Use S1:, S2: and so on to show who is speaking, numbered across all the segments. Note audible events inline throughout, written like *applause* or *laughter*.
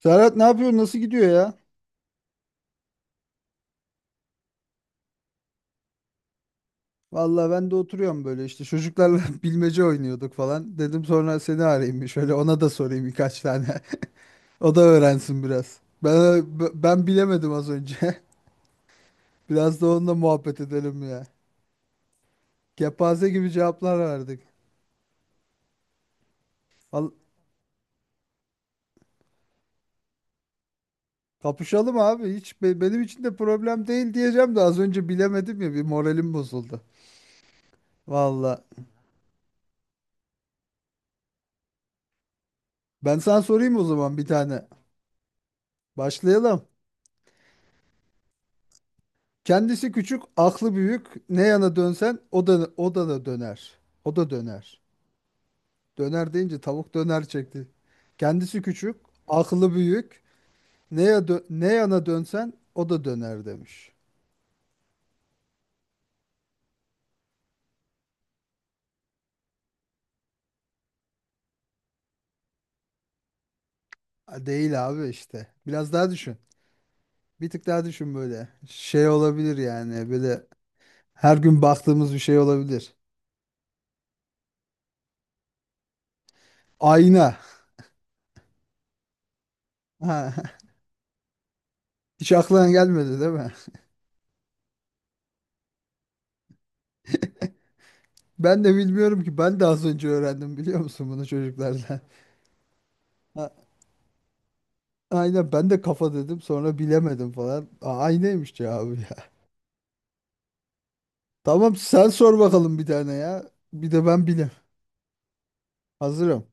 S1: Serhat ne yapıyorsun? Nasıl gidiyor ya? Vallahi ben de oturuyorum böyle işte çocuklarla *laughs* bilmece oynuyorduk falan. Dedim sonra seni arayayım bir şöyle ona da sorayım birkaç tane. *laughs* O da öğrensin biraz. Ben bilemedim az önce. *laughs* Biraz da onunla muhabbet edelim ya. Kepaze gibi cevaplar verdik. Al, kapışalım abi hiç benim için de problem değil diyeceğim de az önce bilemedim ya bir moralim bozuldu. Vallahi ben sana sorayım o zaman bir tane. Başlayalım. Kendisi küçük, aklı büyük. Ne yana dönsen o da döner. O da döner. Döner deyince tavuk döner çekti. Kendisi küçük, aklı büyük. Ne yana dönsen o da döner demiş. Ha, değil abi işte. Biraz daha düşün. Bir tık daha düşün böyle. Şey olabilir yani böyle her gün baktığımız bir şey olabilir. Ayna. Ha, *laughs* hiç aklına gelmedi değil mi? Ben de bilmiyorum ki. Ben de az önce öğrendim biliyor musun bunu çocuklarla. *laughs* Aynen ben de kafa dedim sonra bilemedim falan. Aa, aynıymış cevabı ya. *laughs* Tamam sen sor bakalım bir tane ya. Bir de ben bileyim. Hazırım.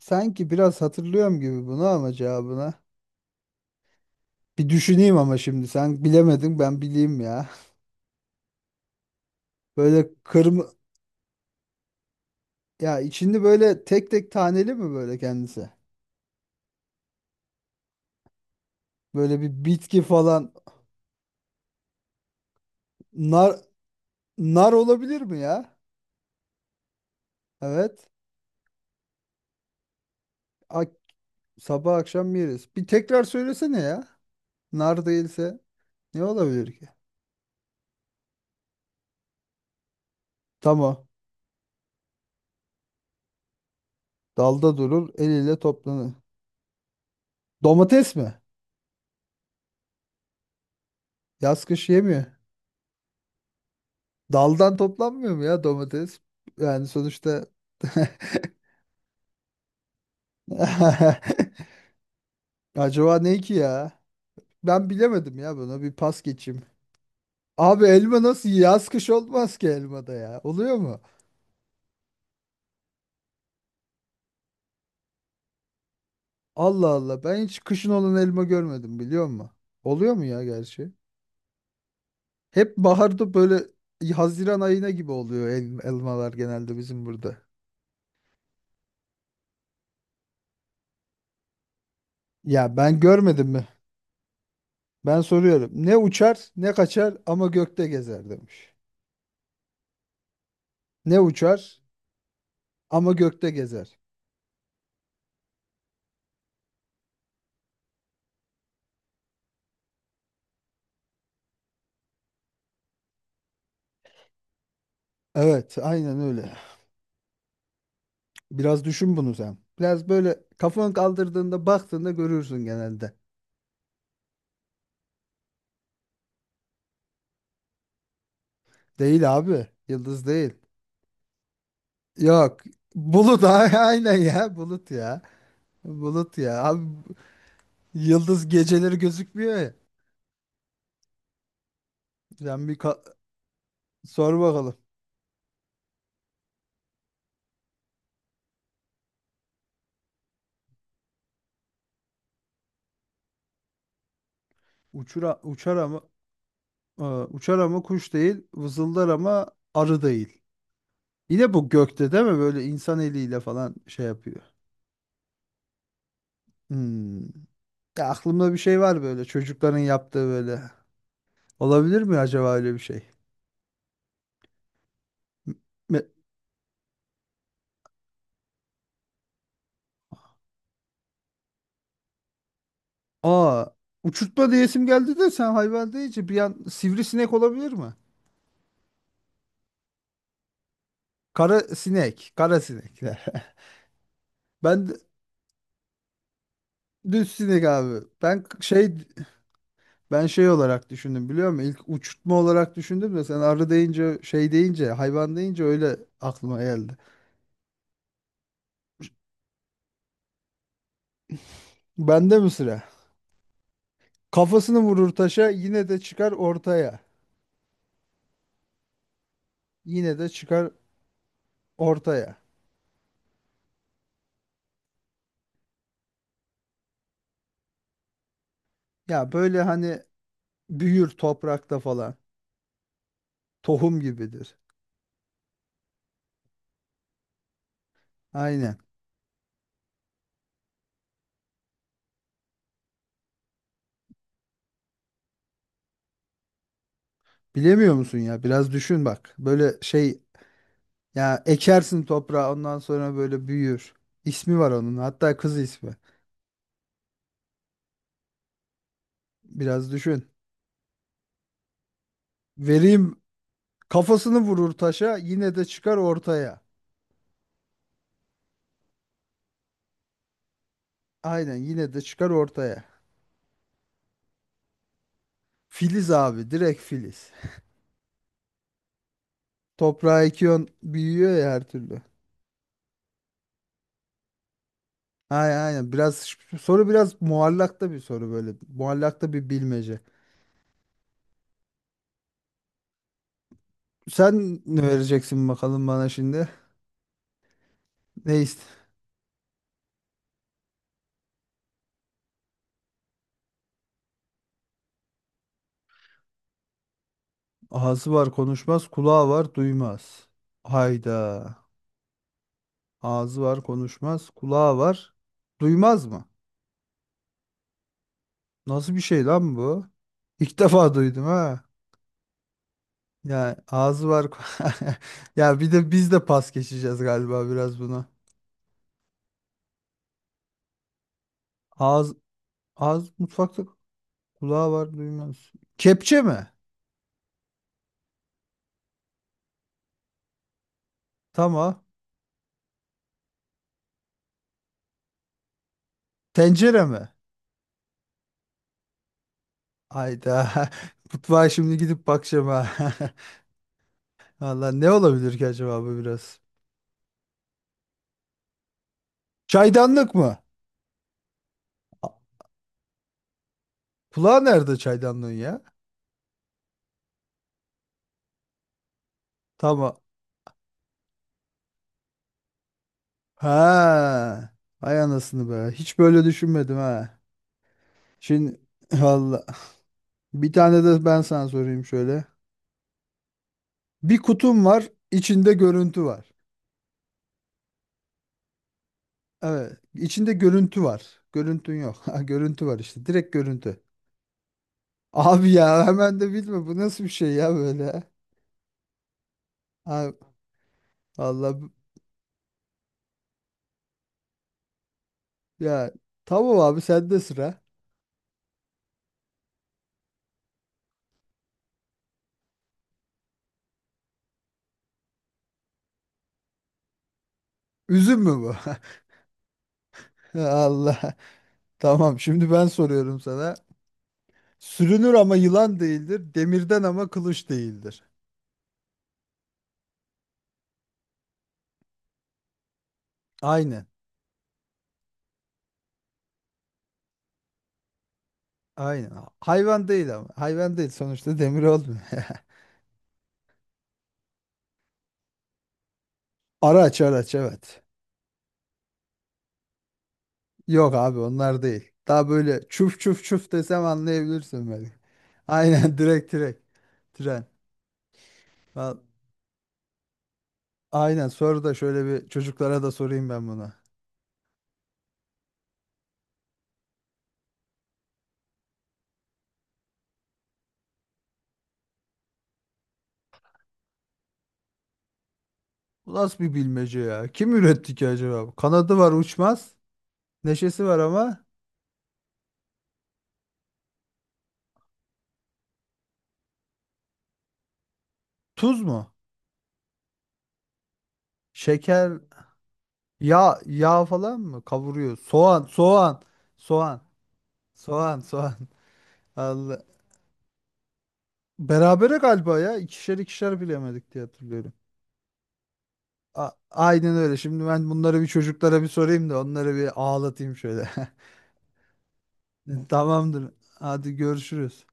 S1: Sanki biraz hatırlıyorum gibi bunu ama cevabına. Bir düşüneyim ama şimdi sen bilemedin ben bileyim ya. *laughs* Böyle kırmızı ya, içinde böyle tek tek taneli mi böyle kendisi? Böyle bir bitki falan. nar Nar olabilir mi ya? Evet. Ak- Sabah akşam yeriz. Bir tekrar söylesene ya. Nar değilse ne olabilir ki? Tamam. Dalda durur, eliyle toplanır. Domates mi? Yaz kış yemiyor. Daldan toplanmıyor mu ya domates? Yani sonuçta… *laughs* acaba ne ki ya? Ben bilemedim ya, buna bir pas geçeyim. Abi elma nasıl yaz kış olmaz ki elmada ya. Oluyor mu? Allah Allah, ben hiç kışın olan elma görmedim biliyor musun? Oluyor mu ya gerçi? Hep baharda böyle Haziran ayına gibi oluyor elmalar genelde bizim burada. Ya ben görmedim mi? Ben soruyorum. Ne uçar, ne kaçar ama gökte gezer demiş. Ne uçar ama gökte gezer. Evet, aynen öyle. Biraz düşün bunu sen. Biraz böyle kafanı kaldırdığında baktığında görürsün genelde. Değil abi, yıldız değil. Yok, bulut. *laughs* Aynen ya, bulut ya. Bulut ya. Abi yıldız geceleri gözükmüyor ya. Sen bir ka- Sor bakalım. Uçura, uçar ama e, Uçar ama kuş değil, vızıldar ama arı değil. Yine bu gökte değil mi? Böyle insan eliyle falan şey yapıyor. Hmm. Ya aklımda bir şey var böyle çocukların yaptığı böyle. Olabilir mi acaba öyle bir şey? me- Aa, uçurtma diyesim geldi de sen hayvan deyince bir an sivrisinek olabilir mi? Kara sinek, kara sinek. *laughs* Ben d- Düz sinek abi. Ben şey olarak düşündüm biliyor musun? İlk uçurtma olarak düşündüm de sen arı deyince, şey deyince, hayvan deyince öyle aklıma geldi. Bende mi sıra? Kafasını vurur taşa yine de çıkar ortaya. Yine de çıkar ortaya. Ya böyle hani büyür toprakta falan. Tohum gibidir. Aynen. Bilemiyor musun ya? Biraz düşün bak. Böyle şey, ya ekersin toprağa ondan sonra böyle büyür. İsmi var onun. Hatta kız ismi. Biraz düşün. Vereyim: kafasını vurur taşa yine de çıkar ortaya. Aynen, yine de çıkar ortaya. Filiz abi, direkt filiz. Toprağa ekiyorsun büyüyor ya her türlü. Aynen aynen. Soru biraz muallakta bir soru böyle. Muallakta bir bilmece. Sen ne vereceksin bakalım bana şimdi? Ne ist? Ağzı var konuşmaz, kulağı var duymaz. Hayda. Ağzı var konuşmaz, kulağı var duymaz mı? Nasıl bir şey lan bu? İlk defa duydum ha. Ya ağzı var. *laughs* Ya bir de biz de pas geçeceğiz galiba biraz buna. Ağız ağız mutfakta, kulağı var duymaz. Kepçe mi? Tamam. Tencere mi? Hayda. *laughs* Mutfağa şimdi gidip bakacağım ha. *laughs* Valla ne olabilir ki acaba bu biraz? Çaydanlık mı? A- Kulağı nerede çaydanlığın ya? Tamam. Ha. Ay anasını be. Hiç böyle düşünmedim ha. Şimdi *laughs* valla. Bir tane de ben sana sorayım şöyle. Bir kutum var, içinde görüntü var. Evet. içinde görüntü var. Görüntün yok. *laughs* Ha, görüntü var işte. Direkt görüntü. Abi ya hemen de bilme. Bu nasıl bir şey ya böyle? Ha, Allah ya, tamam abi, sende sıra. Üzüm mü bu? *laughs* Allah. Tamam şimdi ben soruyorum sana. Sürünür ama yılan değildir. Demirden ama kılıç değildir. Aynen. Aynen. Hayvan değil ama. Hayvan değil, sonuçta demir olmuyor. *laughs* Araç araç evet. Yok abi onlar değil. Daha böyle çuf çuf çuf desem anlayabilirsin belki. Aynen. *laughs* Direkt direkt. Tren. Val- Aynen, sonra da şöyle bir çocuklara da sorayım ben bunu. Bu nasıl bir bilmece ya? Kim üretti ki acaba bu? Kanadı var uçmaz. Neşesi var ama tuz mu? Şeker, yağ falan mı? Kavuruyor. Soğan, soğan. *laughs* Allah. Berabere galiba ya. İkişer ikişer bilemedik diye hatırlıyorum. Aynen öyle. Şimdi ben bunları bir çocuklara bir sorayım da onları bir ağlatayım şöyle. *laughs* Tamamdır. Hadi görüşürüz.